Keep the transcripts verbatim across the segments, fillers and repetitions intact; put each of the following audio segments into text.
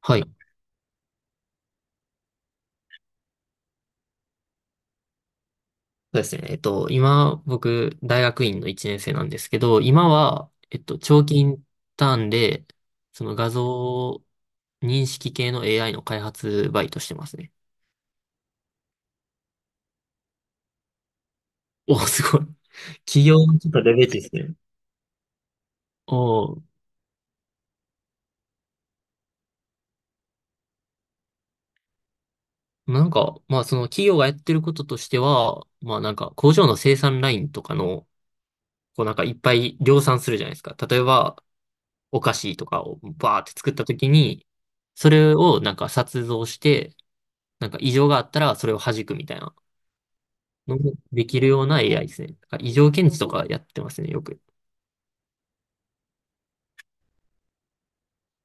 はい。そうですね。えっと、今、僕、大学院のいちねん生なんですけど、今は、えっと、長期インターンで、その画像認識系の エーアイ の開発バイトしてますね。お、すごい。企業のちょっとレベルですね。お、なんか、まあ、その企業がやってることとしては、まあ、なんか、工場の生産ラインとかの、こう、なんか、いっぱい量産するじゃないですか。例えば、お菓子とかをバーって作ったときに、それをなんか、撮像して、なんか異常があったらそれを弾くみたいなのもできるような エーアイ ですね。なんか異常検知とかやってますね、よく。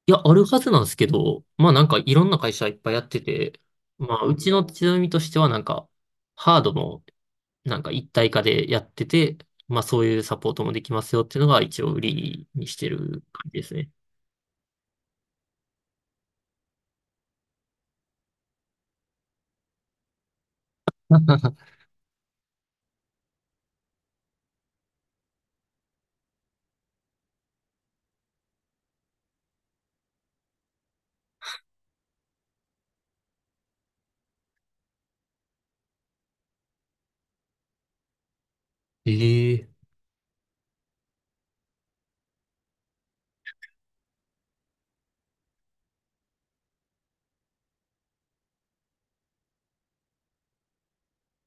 いや、あるはずなんですけど、まあなんかいろんな会社いっぱいやってて、まあうちの強みとしてはなんかハードもなんか一体化でやってて、まあそういうサポートもできますよっていうのが一応売りにしてる感じですね。ええ、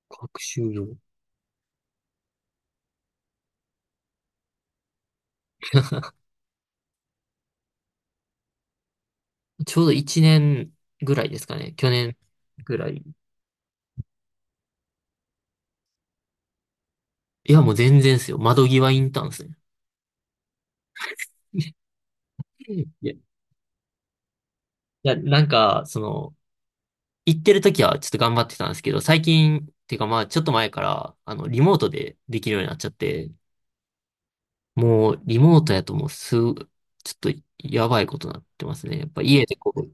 学習用。ちょうどいちねんぐらいですかね。去年ぐらい。いや、もう全然ですよ。窓際インターンですね。いやいや、なんか、その、行ってる時はちょっと頑張ってたんですけど、最近、っていうかまあ、ちょっと前から、あの、リモートでできるようになっちゃって、もう、リモートやともうす、ちょっと、やばいことになってますね。やっぱ家でこう、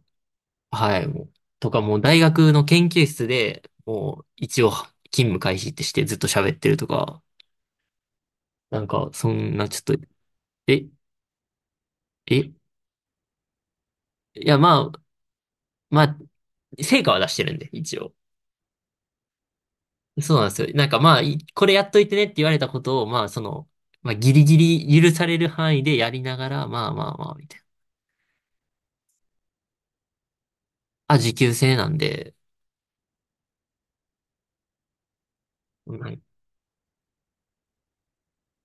はい、もう、とかもう大学の研究室で、もう、一応、勤務開始ってしてずっと喋ってるとか、なんか、そんなちょっと、え、え、いや、まあ、まあ、成果は出してるんで、一応。そうなんですよ。なんかまあ、いこれやっといてねって言われたことを、まあその、まあギリギリ許される範囲でやりながら、まあまあまあ、みたいな。あ、時給制なんで、うん。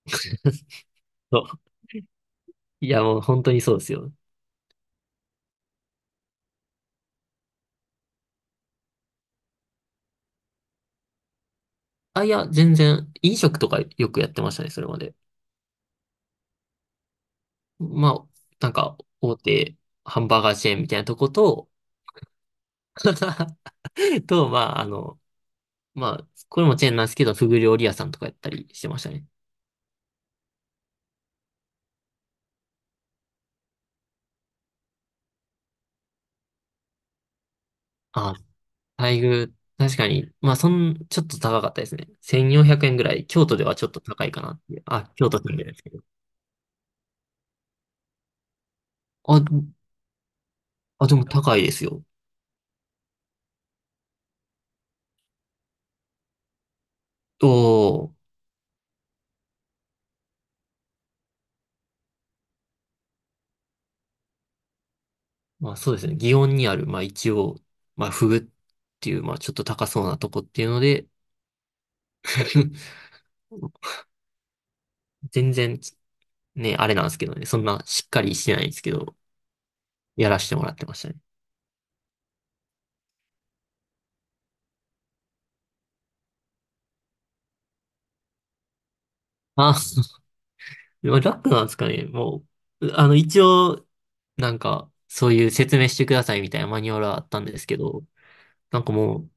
そう。いやもう本当にそうですよ。あ、いや、全然、飲食とかよくやってましたね、それまで。まあ、なんか、大手ハンバーガーチェーンみたいなとこと、と、まあ、あの、まあ、これもチェーンなんですけど、フグ料理屋さんとかやったりしてましたね。あ、待遇、確かに、まあ、そん、ちょっと高かったですね。せんよんひゃくえんぐらい。京都ではちょっと高いかなっていう。あ、京都住んでるんですけど。あ、あ、でも高いですよ。おお、まあそうですね。祇園にある、まあ一応、まあフグっていう、まあちょっと高そうなとこっていうので、全然、ね、あれなんですけどね。そんなしっかりしてないんですけど、やらせてもらってましたね。あ、でも楽なんですかね。もう、あの、一応、なんか、そういう説明してくださいみたいなマニュアルはあったんですけど、なんかもう、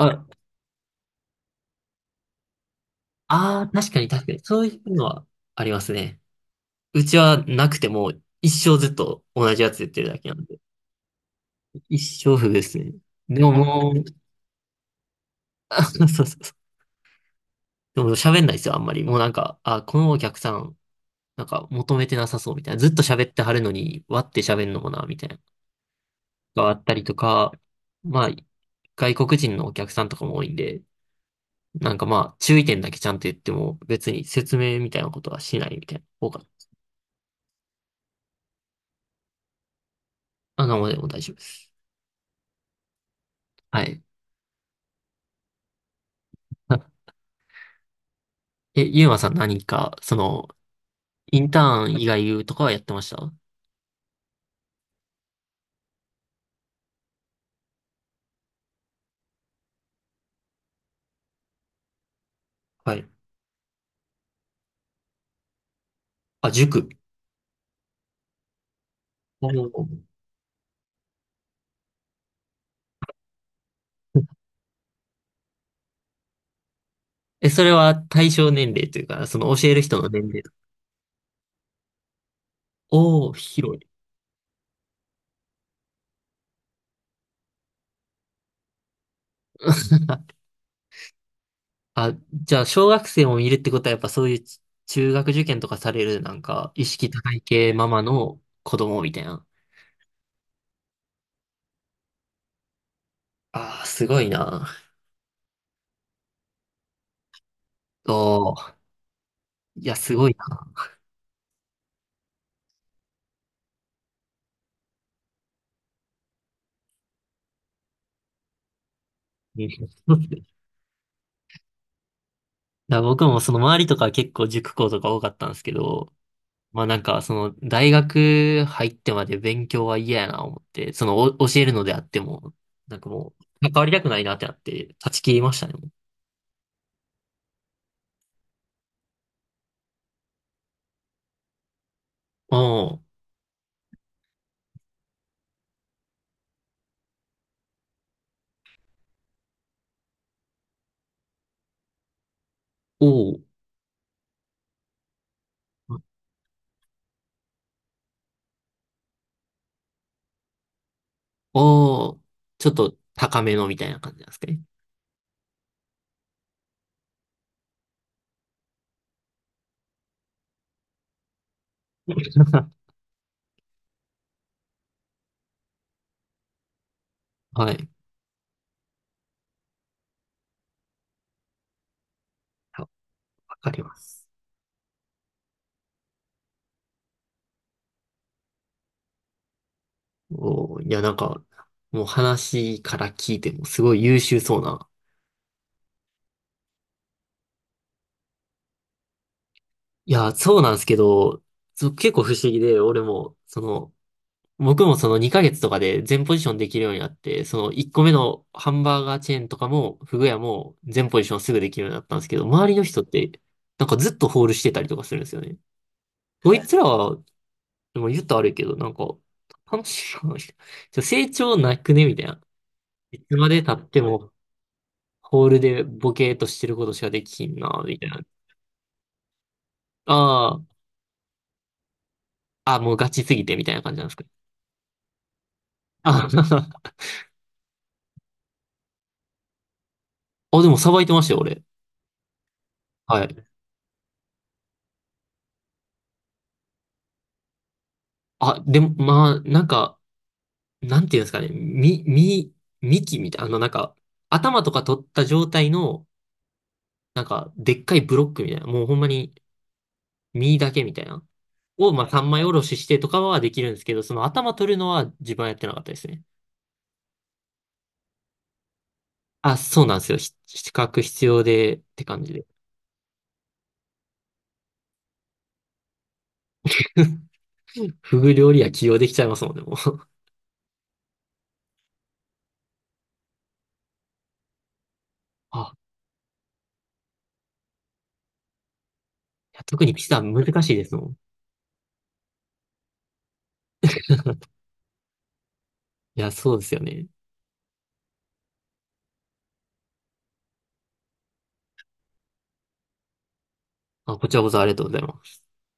あ、ああ、確かに確かに、そういうのはありますね。うちはなくても、一生ずっと同じやつ言ってるだけなんで、一生不遇ですね。でももう、あ、そうそうそう。でも喋んないですよ、あんまり。もうなんか、あ、このお客さん、なんか求めてなさそうみたいな。ずっと喋ってはるのに、割って喋んのもな、みたいな。があったりとか、まあ、外国人のお客さんとかも多いんで、なんかまあ、注意点だけちゃんと言っても、別に説明みたいなことはしないみたいな方が、あ、なんもでも大丈夫です。はい。あえ、ゆうまさん何か、その、インターン以外とかはやってました？はい。あ、塾。おー。え、それは対象年齢というか、その教える人の年齢。おお、広い。あ、じゃあ、小学生もいるってことは、やっぱそういうち中学受験とかされる、なんか、意識高い系ママの子供みたいな。ああ、すごいな。おー、いや、すごいな。いや、僕もその周りとか結構塾校とか多かったんですけど、まあなんか、その、大学入ってまで勉強は嫌やな思って、その、お教えるのであっても、なんかもう、関わりたくないなってなって、断ち切りましたね。もう、お、ああ、おお、おお、ちょっと高めのみたいな感じなんですかね。はい。あ、わかります。おお、いや、なんか、もう話から聞いてもすごい優秀そうな。いや、そうなんですけど、そう結構不思議で、俺も、その、僕もそのにかげつとかで全ポジションできるようになって、そのいっこめのハンバーガーチェーンとかも、フグ屋も全ポジションすぐできるようになったんですけど、周りの人って、なんかずっとホールしてたりとかするんですよね。こいつらは、でも言ったら悪いけど、なんか、楽しいな、ちょっ成長なくねみたいな。いつまで経っても、ホールでボケーっとしてることしかできひんな、みたいな。あー、あ、もうガチすぎて、みたいな感じなんですか。あ、あ、でもさばいてましたよ、俺。はい。あ、でも、まあ、なんか、なんていうんですかね、み、み、幹みたいな、あの、なんか、頭とか取った状態の、なんか、でっかいブロックみたいな、もうほんまに、実だけみたいな、を、まあ、三枚おろししてとかはできるんですけど、その頭取るのは自分はやってなかったですね。あ、そうなんですよ。ひ資格必要で、って感じで。フグ料理は起用できちゃいますもんね、もう。あ、いや特にピザ難しいですもん。いや、そうですよね。あ、こちらこそありがとうございます。